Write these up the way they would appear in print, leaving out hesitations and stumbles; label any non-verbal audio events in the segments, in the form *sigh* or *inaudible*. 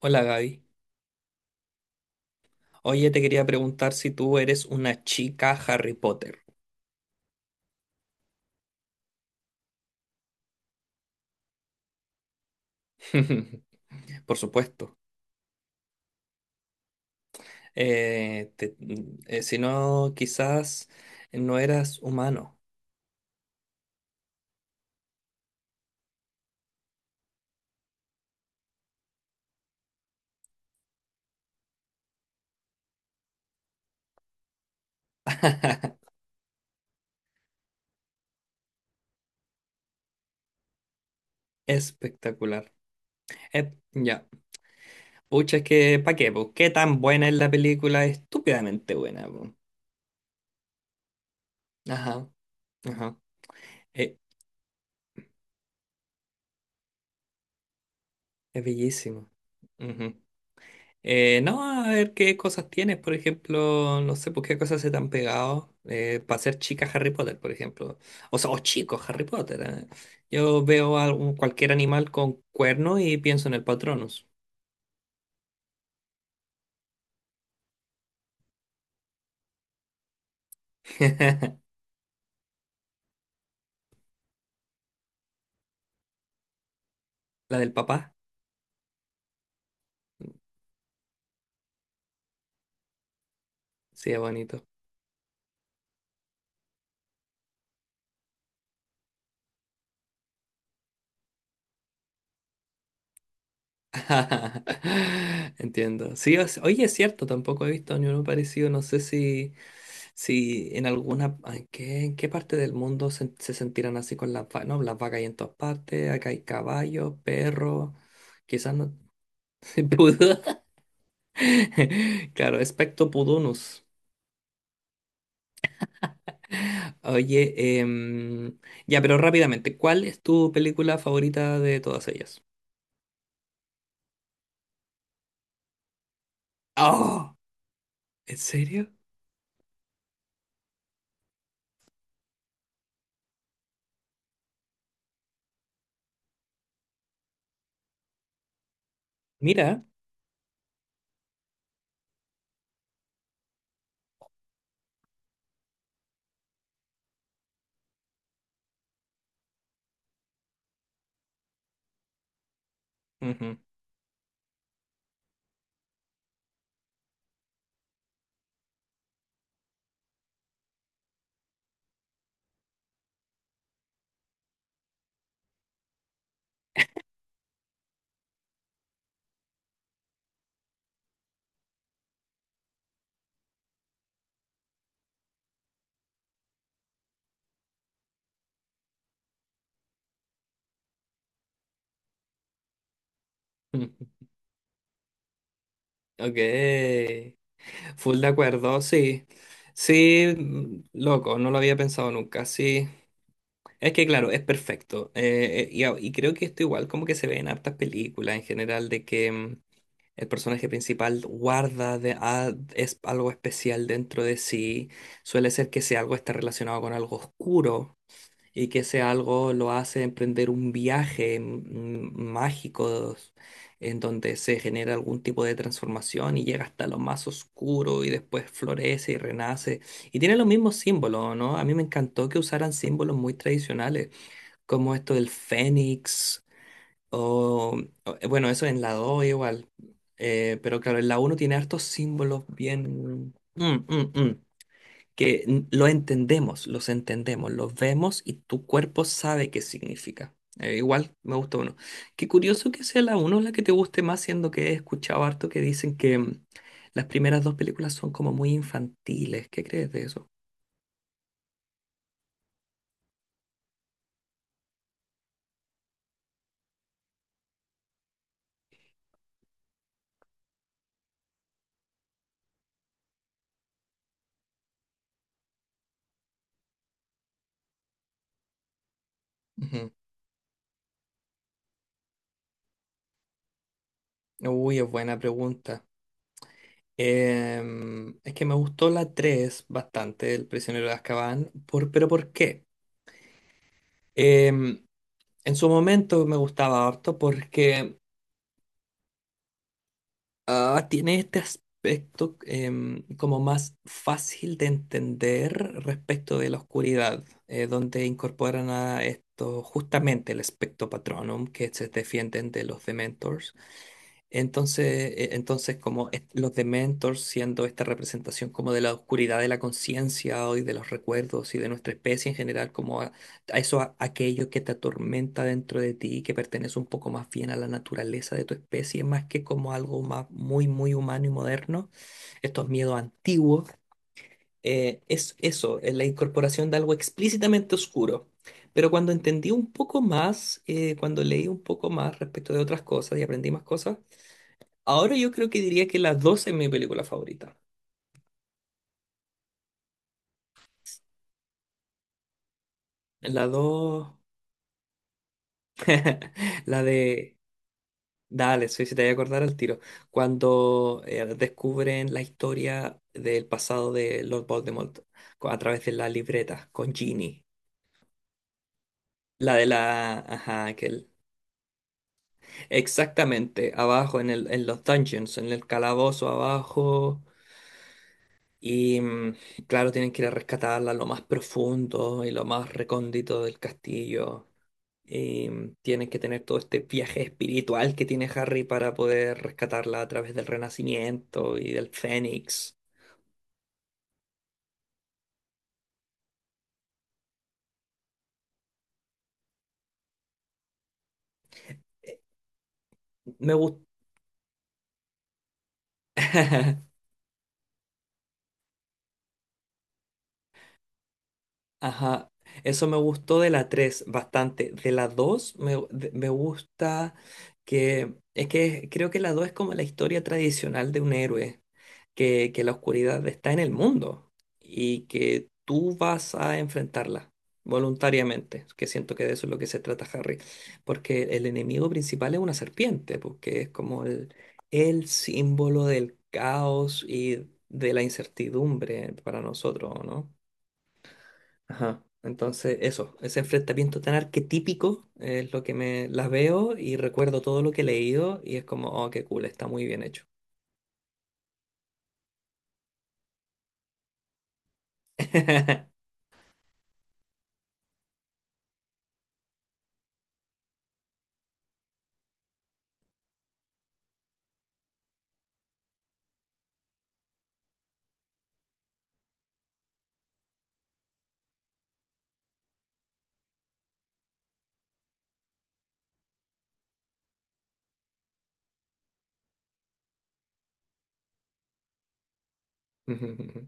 Hola, Gaby. Oye, te quería preguntar si tú eres una chica Harry Potter. *laughs* Por supuesto. Si no, quizás no eras humano. *laughs* Espectacular. Eh, ya. Pucha, es que, ¿pa' qué, po? ¿Qué tan buena es la película? Estúpidamente buena, po. Ajá, ajá. Eh, es bellísimo. Ujú. No, a ver qué cosas tienes, por ejemplo, no sé por qué cosas se te han pegado para ser chica Harry Potter, por ejemplo. O sea, o chicos Harry Potter, ¿eh? Yo veo a cualquier animal con cuerno y pienso en el Patronus. *laughs* La del papá. Sí, es bonito. *laughs* Entiendo. Sí, oye, es cierto, tampoco he visto ni uno parecido. No sé si en alguna, ay, ¿qué, en qué parte del mundo se sentirán así con las vacas? No, las vacas hay en todas partes, acá hay caballos, perros, quizás no. *laughs* Pudú. *laughs* Claro, espectro pudunus. *laughs* Oye, ya, pero rápidamente, ¿cuál es tu película favorita de todas ellas? Oh, ¿en serio? Mira. Ujú. *laughs* Ok. Full de acuerdo, sí. Sí, mm, loco, no lo había pensado nunca. Sí, es que claro, es perfecto. Y, y creo que esto igual como que se ve en hartas películas en general de que el personaje principal guarda es algo especial dentro de sí. Suele ser que sea algo está relacionado con algo oscuro y que ese algo lo hace emprender un viaje mágico en donde se genera algún tipo de transformación y llega hasta lo más oscuro y después florece y renace. Y tiene los mismos símbolos, ¿no? A mí me encantó que usaran símbolos muy tradicionales, como esto del fénix, o, bueno, eso en la 2 igual. Pero claro, en la uno tiene hartos símbolos bien... que lo entendemos, los vemos y tu cuerpo sabe qué significa. Igual me gusta uno. Qué curioso que sea la uno la que te guste más, siendo que he escuchado harto que dicen que las primeras dos películas son como muy infantiles. ¿Qué crees de eso? Ujú. Uy, es buena pregunta. Es que me gustó la 3 bastante, El prisionero de Azkaban, pero ¿por qué? Em, en su momento me gustaba harto porque ah, tiene este aspecto como más fácil de entender respecto de la oscuridad, donde incorporan a esto justamente el espectro patronum que se defienden de los Dementors. Entonces, entonces como los Dementors siendo esta representación como de la oscuridad de la conciencia y de los recuerdos y de nuestra especie en general, como a eso, aquello que te atormenta dentro de ti, que pertenece un poco más bien a la naturaleza de tu especie, más que como algo más muy, muy humano y moderno, estos miedos antiguos, es eso, es la incorporación de algo explícitamente oscuro. Pero cuando entendí un poco más, cuando leí un poco más respecto de otras cosas y aprendí más cosas, ahora yo creo que diría que las 2 es mi película favorita. La 2, *laughs* la de... Dale, sí, si te voy a acordar al tiro. Cuando descubren la historia del pasado de Lord Voldemort a través de la libreta con Ginny. La de la... Ajá, aquel. Exactamente, abajo en en los dungeons, en el calabozo abajo. Y mm, claro, tienen que ir a rescatarla lo más profundo y lo más recóndito del castillo. Y tienes que tener todo este viaje espiritual que tiene Harry para poder rescatarla a través del Renacimiento y del Fénix. Me gusta. *laughs* Ajá, eso me gustó de la 3 bastante. De la 2 me gusta que es que creo que la 2 es como la historia tradicional de un héroe, que la oscuridad está en el mundo y que tú vas a enfrentarla voluntariamente, que siento que de eso es lo que se trata Harry, porque el enemigo principal es una serpiente, porque es como el símbolo del caos y de la incertidumbre para nosotros, ¿no? Ajá. Entonces, eso, ese enfrentamiento tan arquetípico es lo que me las veo y recuerdo todo lo que he leído y es como, oh, qué cool, está muy bien hecho. *laughs* Ujú.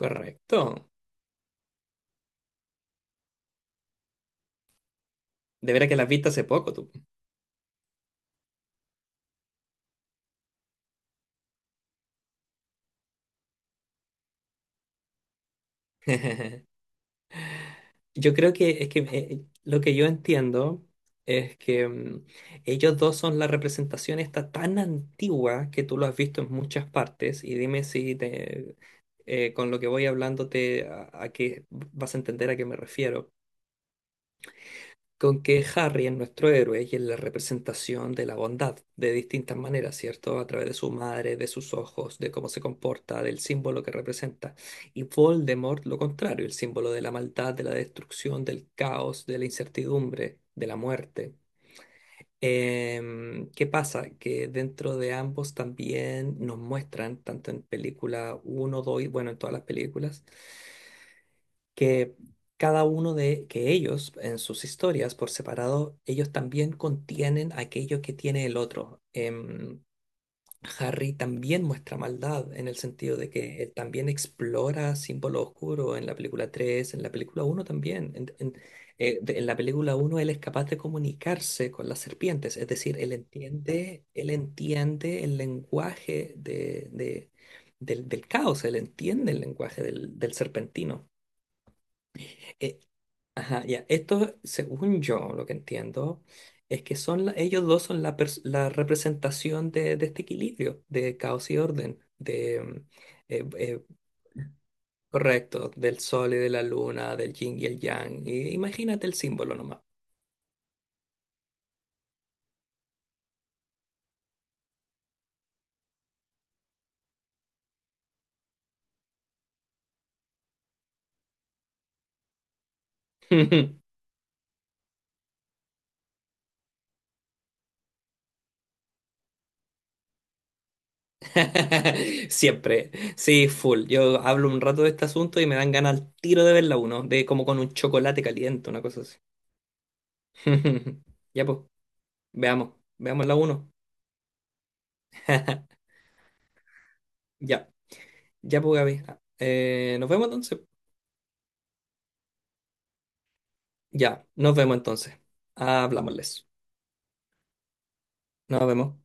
Correcto. De veras que las viste hace poco tú. *laughs* Yo creo que es que lo que yo entiendo es que mm, ellos dos son la representación esta tan antigua que tú lo has visto en muchas partes y dime si te, con lo que voy hablando a qué vas a entender a qué me refiero. Con que Harry es nuestro héroe y es la representación de la bondad de distintas maneras, ¿cierto? A través de su madre, de sus ojos, de cómo se comporta, del símbolo que representa. Y Voldemort, lo contrario, el símbolo de la maldad, de la destrucción, del caos, de la incertidumbre, de la muerte. ¿Qué pasa? Que dentro de ambos también nos muestran, tanto en película uno 2 bueno, en todas las películas, que cada uno de que ellos en sus historias por separado, ellos también contienen aquello que tiene el otro. Harry también muestra maldad en el sentido de que él también explora símbolo oscuro en la película 3 en la película uno también. En la película uno él es capaz de comunicarse con las serpientes, es decir, él entiende el lenguaje del, del caos, él entiende el lenguaje del del serpentino eh, ajá, ya. Esto, según yo, lo que entiendo, es que son ellos dos son la representación de este equilibrio, de caos y orden, eh, eh, correcto, del sol y de la luna, del yin y el yang. Y imagínate el símbolo nomás. *laughs* Siempre, sí, full. Yo hablo un rato de este asunto y me dan ganas al tiro de verla uno, de como con un chocolate caliente, una cosa así. *laughs* Ya pues, veamos, veamos la uno. *laughs* Ya. Ya, pues, Gaby. Nos vemos entonces. Ya, nos vemos entonces. Hablámosles. Nos vemos.